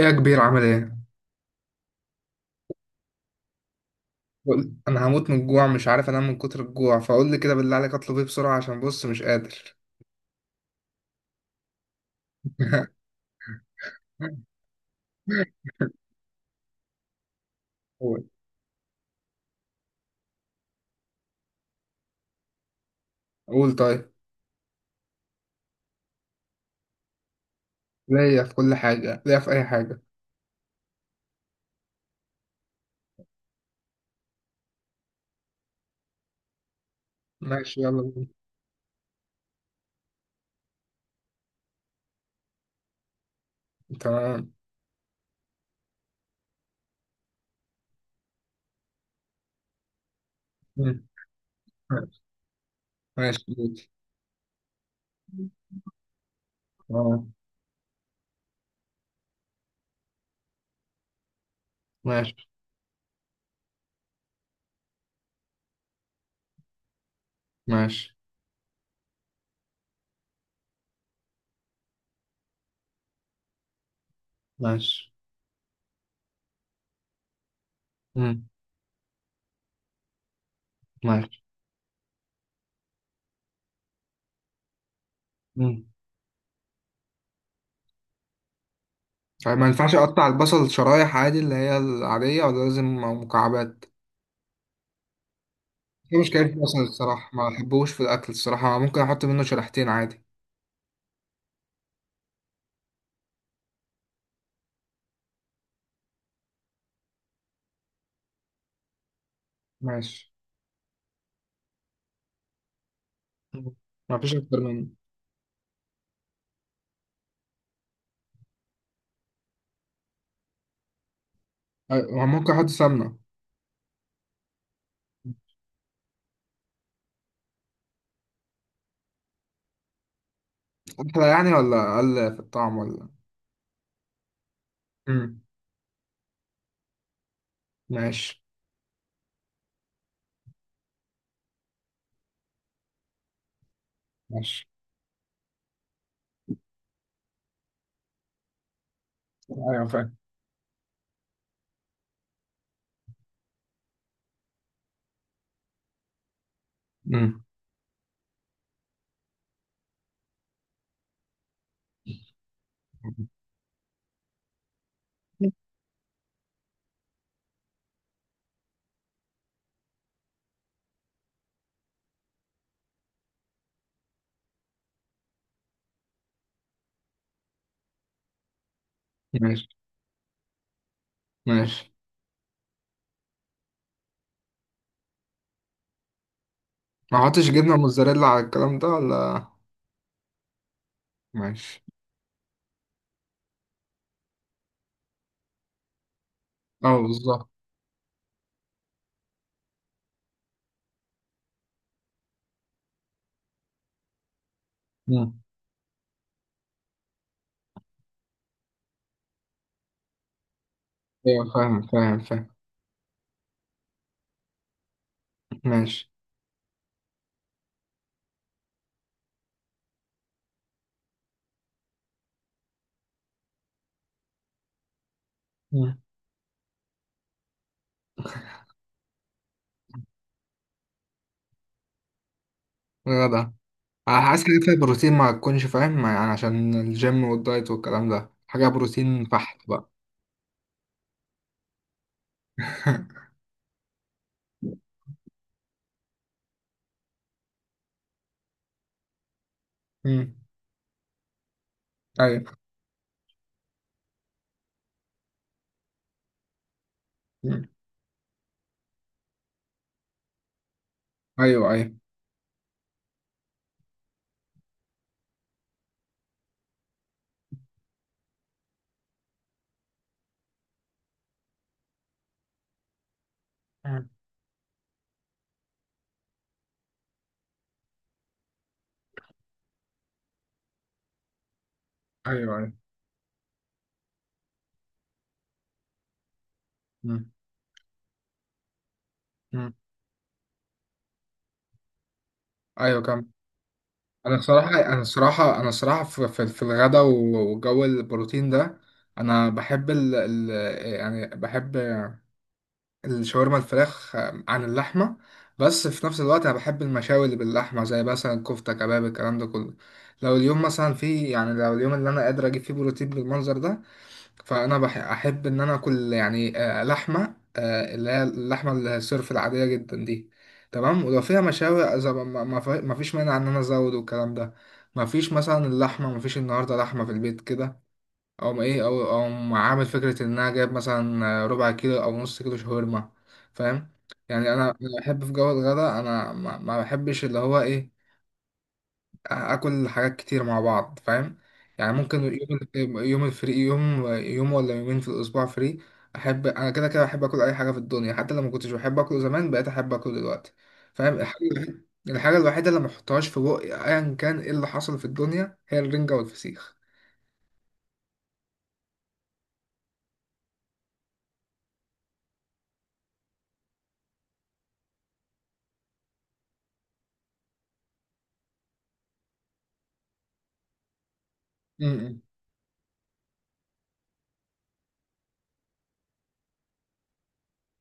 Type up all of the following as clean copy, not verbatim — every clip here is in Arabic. ايه يا كبير، عامل ايه؟ انا هموت من الجوع، مش عارف انام من كتر الجوع. فقول لي كده بالله عليك، اطلب ايه بسرعة عشان بص مش قادر. قول. قول طيب. ليا في كل حاجة، ليا في اي حاجة. ماشي يلا بينا. تمام. مم. ماشي ماشي. اه. ماشي ماشي ماشي. مم. ماشي. مم. طيب، ما ينفعش اقطع البصل شرايح عادي اللي هي العادية، ولا لازم مكعبات؟ دي مشكلة، في البصل الصراحة ما بحبوش في الأكل الصراحة. ممكن أحط منه شريحتين عادي. ماشي. ما فيش اكتر منه. أيوة، هو ممكن احط سمنه؟ احلى يعني، ولا اقل في الطعم، ولا؟ امم. ماشي. ماشي. ايوه فاهم. امم. ماشي ماشي. ما احطش جبنه موتزاريلا على الكلام ده، ولا؟ ماشي. اه بالظبط. مم. ايوه فاهم فاهم فاهم. ماشي. مم. غدا. عايز حاجه فيها بروتين، ما تكونش فاهم يعني عشان الجيم والدايت والكلام ده، حاجه بروتين بحت بقى. مم. ايوه. مم. ايوه ايوه. مم. ايوه ايوه. مم. مم. ايوه كم؟ انا الصراحه في الغدا وجو البروتين ده. انا بحب يعني بحب الشاورما الفراخ عن اللحمة. بس في نفس الوقت أنا بحب المشاوي اللي باللحمة، زي مثلا كفتة، كباب، الكلام ده كله. لو اليوم مثلا فيه، يعني لو اليوم اللي أنا قادر أجيب فيه بروتين بالمنظر ده، فأنا أحب إن أنا آكل، يعني لحمة، اللي هي اللحمة الصرف العادية جدا دي. تمام. ولو فيها مشاوي، إذا ما فيش مانع إن أنا أزود والكلام ده. ما فيش مثلا اللحمة، ما فيش النهاردة لحمة في البيت كده. او ايه، او عامل فكره ان انا جايب مثلا ربع كيلو او نص كيلو شاورما. فاهم؟ يعني أنا بحب في جو الغداء، انا ما بحبش اللي هو ايه، اكل حاجات كتير مع بعض، فاهم؟ يعني ممكن يوم يوم الفري، يوم يوم ولا يومين في الاسبوع فري. احب، انا كده كده بحب اكل اي حاجه في الدنيا، حتى لو ما كنتش بحب اكله زمان بقيت احب اكله دلوقتي. فاهم؟ الحاجه الوحيده الحاجة الوحيدة اللي ما احطهاش في بقي ايا كان ايه اللي حصل في الدنيا، هي الرنجة والفسيخ. امم.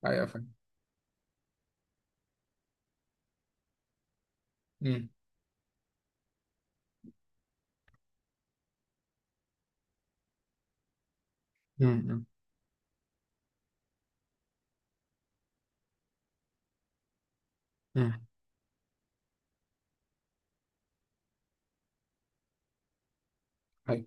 ايوه فاهم. امم. امم، امم. مم. أيوة.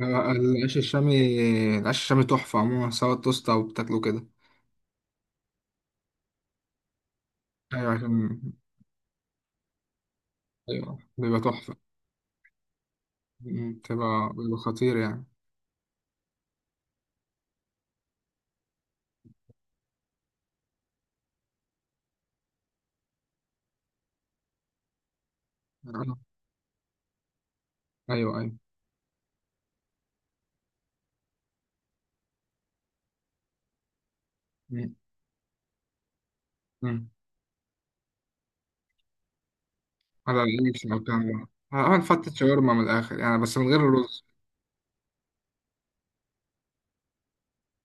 العيش الشامي. العيش الشامي تحفة عموما، سواء توست أو بتاكله كده. أيوة عشان. أيوة بيبقى تحفة. مم، بيبقى خطير يعني. آه، أيوة أيوة. مم، مم. على العيش أو كده. أعمل فتة شاورما من الآخر يعني، بس من غير الرز.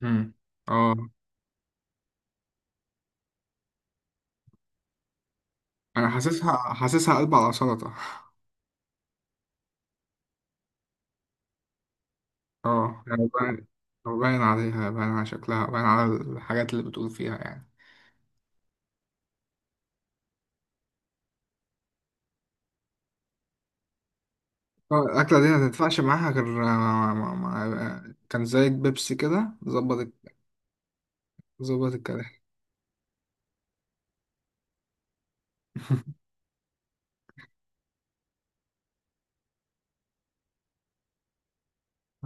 مم. اه. أنا حاسسها قلب على سلطة. اه يعني باين. باين عليها، باين على شكلها، باين على الحاجات اللي بتقول فيها يعني. اه، الأكلة دي ما تنفعش معاها غير كان زي بيبسي كده ظبط. ظبط الكلام.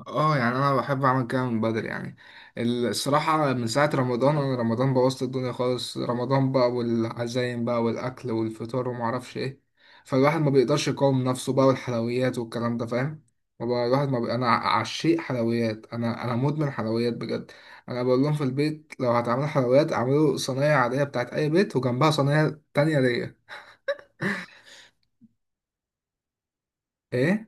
اه يعني انا بحب اعمل كده من بدري يعني. الصراحة من ساعة رمضان، انا رمضان بوظت الدنيا خالص. رمضان بقى والعزايم بقى والاكل والفطار وما اعرفش ايه. فالواحد ما بيقدرش يقاوم نفسه بقى، والحلويات والكلام ده، فاهم؟ ما بقى الواحد ما بي... انا عشيق حلويات، انا مدمن حلويات بجد. انا بقول لهم في البيت، لو هتعملوا حلويات اعملوا صينية عادية بتاعت اي بيت، وجنبها صينية تانية ليا. ايه؟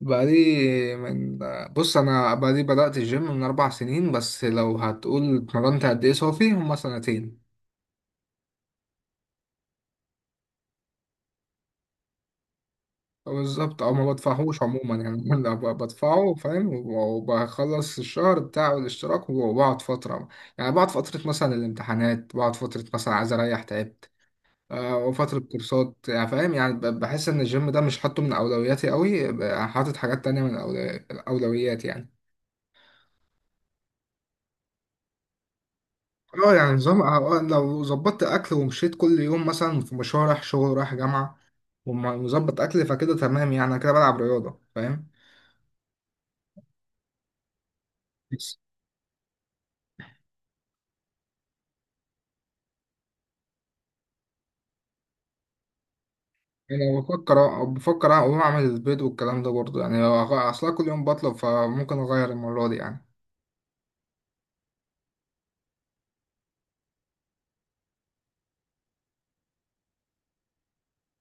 بقالي من بص، انا بقالي بدأت الجيم من 4 سنين، بس لو هتقول اتمرنت قد ايه صافي، هما سنتين. بالظبط، او ما بدفعهوش عموما يعني. أنا بدفعه، فاهم، وبخلص الشهر بتاع الاشتراك وبقعد فترة. يعني بقعد فترة مثلا الامتحانات، بقعد فترة مثلا عايز اريح تعبت. وفترة كورسات يعني، فاهم، يعني بحس ان الجيم ده مش حاطه من اولوياتي قوي، حاطط حاجات تانية من الاولويات يعني. اه يعني نظام، لو ظبطت اكل ومشيت كل يوم مثلا في مشوار رايح شغل، رايح جامعه، ومظبط اكل، فكده تمام يعني. أنا كده بلعب رياضه، فاهم. بس يعني انا بفكر اقوم اعمل البيض والكلام ده برضه يعني، لو اصلا كل يوم بطلب فممكن اغير المره دي يعني.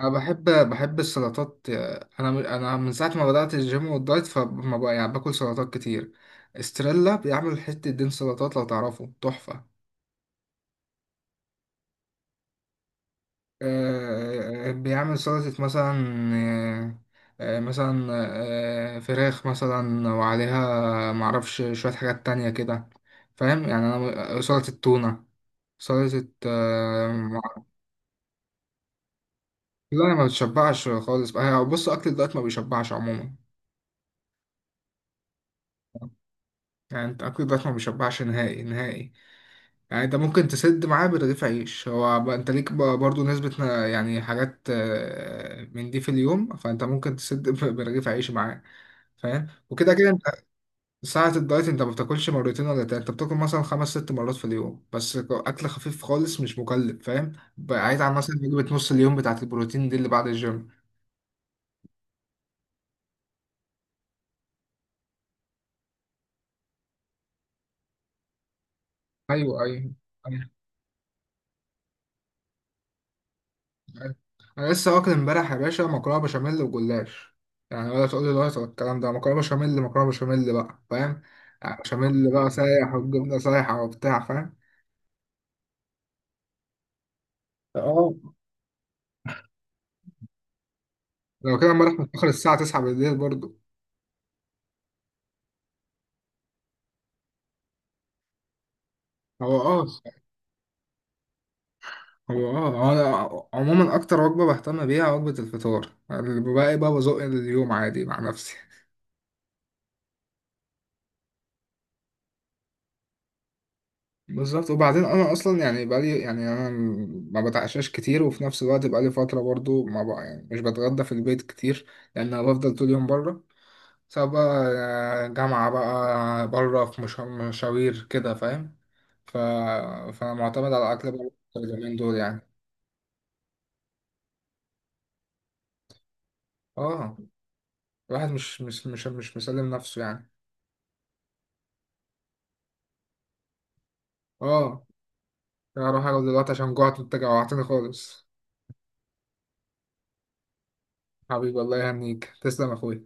انا بحب السلطات. انا انا من ساعه ما بدات الجيم والدايت، فما بقى يعني باكل سلطات كتير. استريلا بيعمل حته دين سلطات، لو تعرفه تحفه. بيعمل سلطة مثلا. آه، مثلا فراخ مثلا، وعليها معرفش شوية حاجات تانية كده. فاهم يعني، أنا سلطة تونة، سلطة لا أنا ما بتشبعش خالص بقى. بص، أكل الدايت ما بيشبعش عموما. يعني أنت أكل الدايت ما بيشبعش نهائي نهائي. يعني أنت ممكن تسد معاه برغيف عيش، هو بقى أنت ليك بقى برضو نسبة يعني حاجات من دي في اليوم، فأنت ممكن تسد برغيف عيش معاه. فاهم؟ وكده كده انت ساعة الدايت انت ما بتاكلش مرتين ولا تلاتة، انت بتاكل مثلا خمس ست مرات في اليوم، بس اكل خفيف خالص مش مكلف، فاهم؟ بعيد عن مثلا وجبة نص اليوم بتاعة البروتين دي اللي بعد الجيم. ايوه ايوه ايوه، أيوة. انا لسه واكل امبارح يا باشا مكرونة بشاميل وجلاش. يعني ولا تقول لي دايت ولا الكلام ده، مكرونة بشاميل، مكرونة بشاميل بقى، فاهم؟ يعني بشاميل بقى سايح والجبنة سايحة وبتاع، فاهم؟ اه. لو كده امبارح متأخر الساعة 9 بالليل برضو. هو اه هو انا عموما اكتر وجبه بهتم بيها وجبه الفطار، الباقي بقى بزق اليوم عادي مع نفسي. بالظبط. وبعدين انا اصلا يعني بقالي، يعني انا ما بتعشاش كتير، وفي نفس الوقت بقالي فتره برضو ما بقى يعني مش بتغدى في البيت كتير، لان انا بفضل طول اليوم بره. سواء بقى جامعه بقى بره، في مشاوير كده، فاهم. ف... فانا معتمد على اكل بره اليومين دول يعني. اه. الواحد مش مسلم نفسه يعني. اه، أنا هروح اقعد دلوقتي عشان جوعت، وانت جوعتني خالص. حبيبي والله يهنيك، تسلم يا اخويا.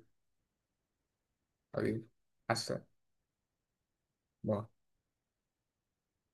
حبيبي. مع السلامة. باي.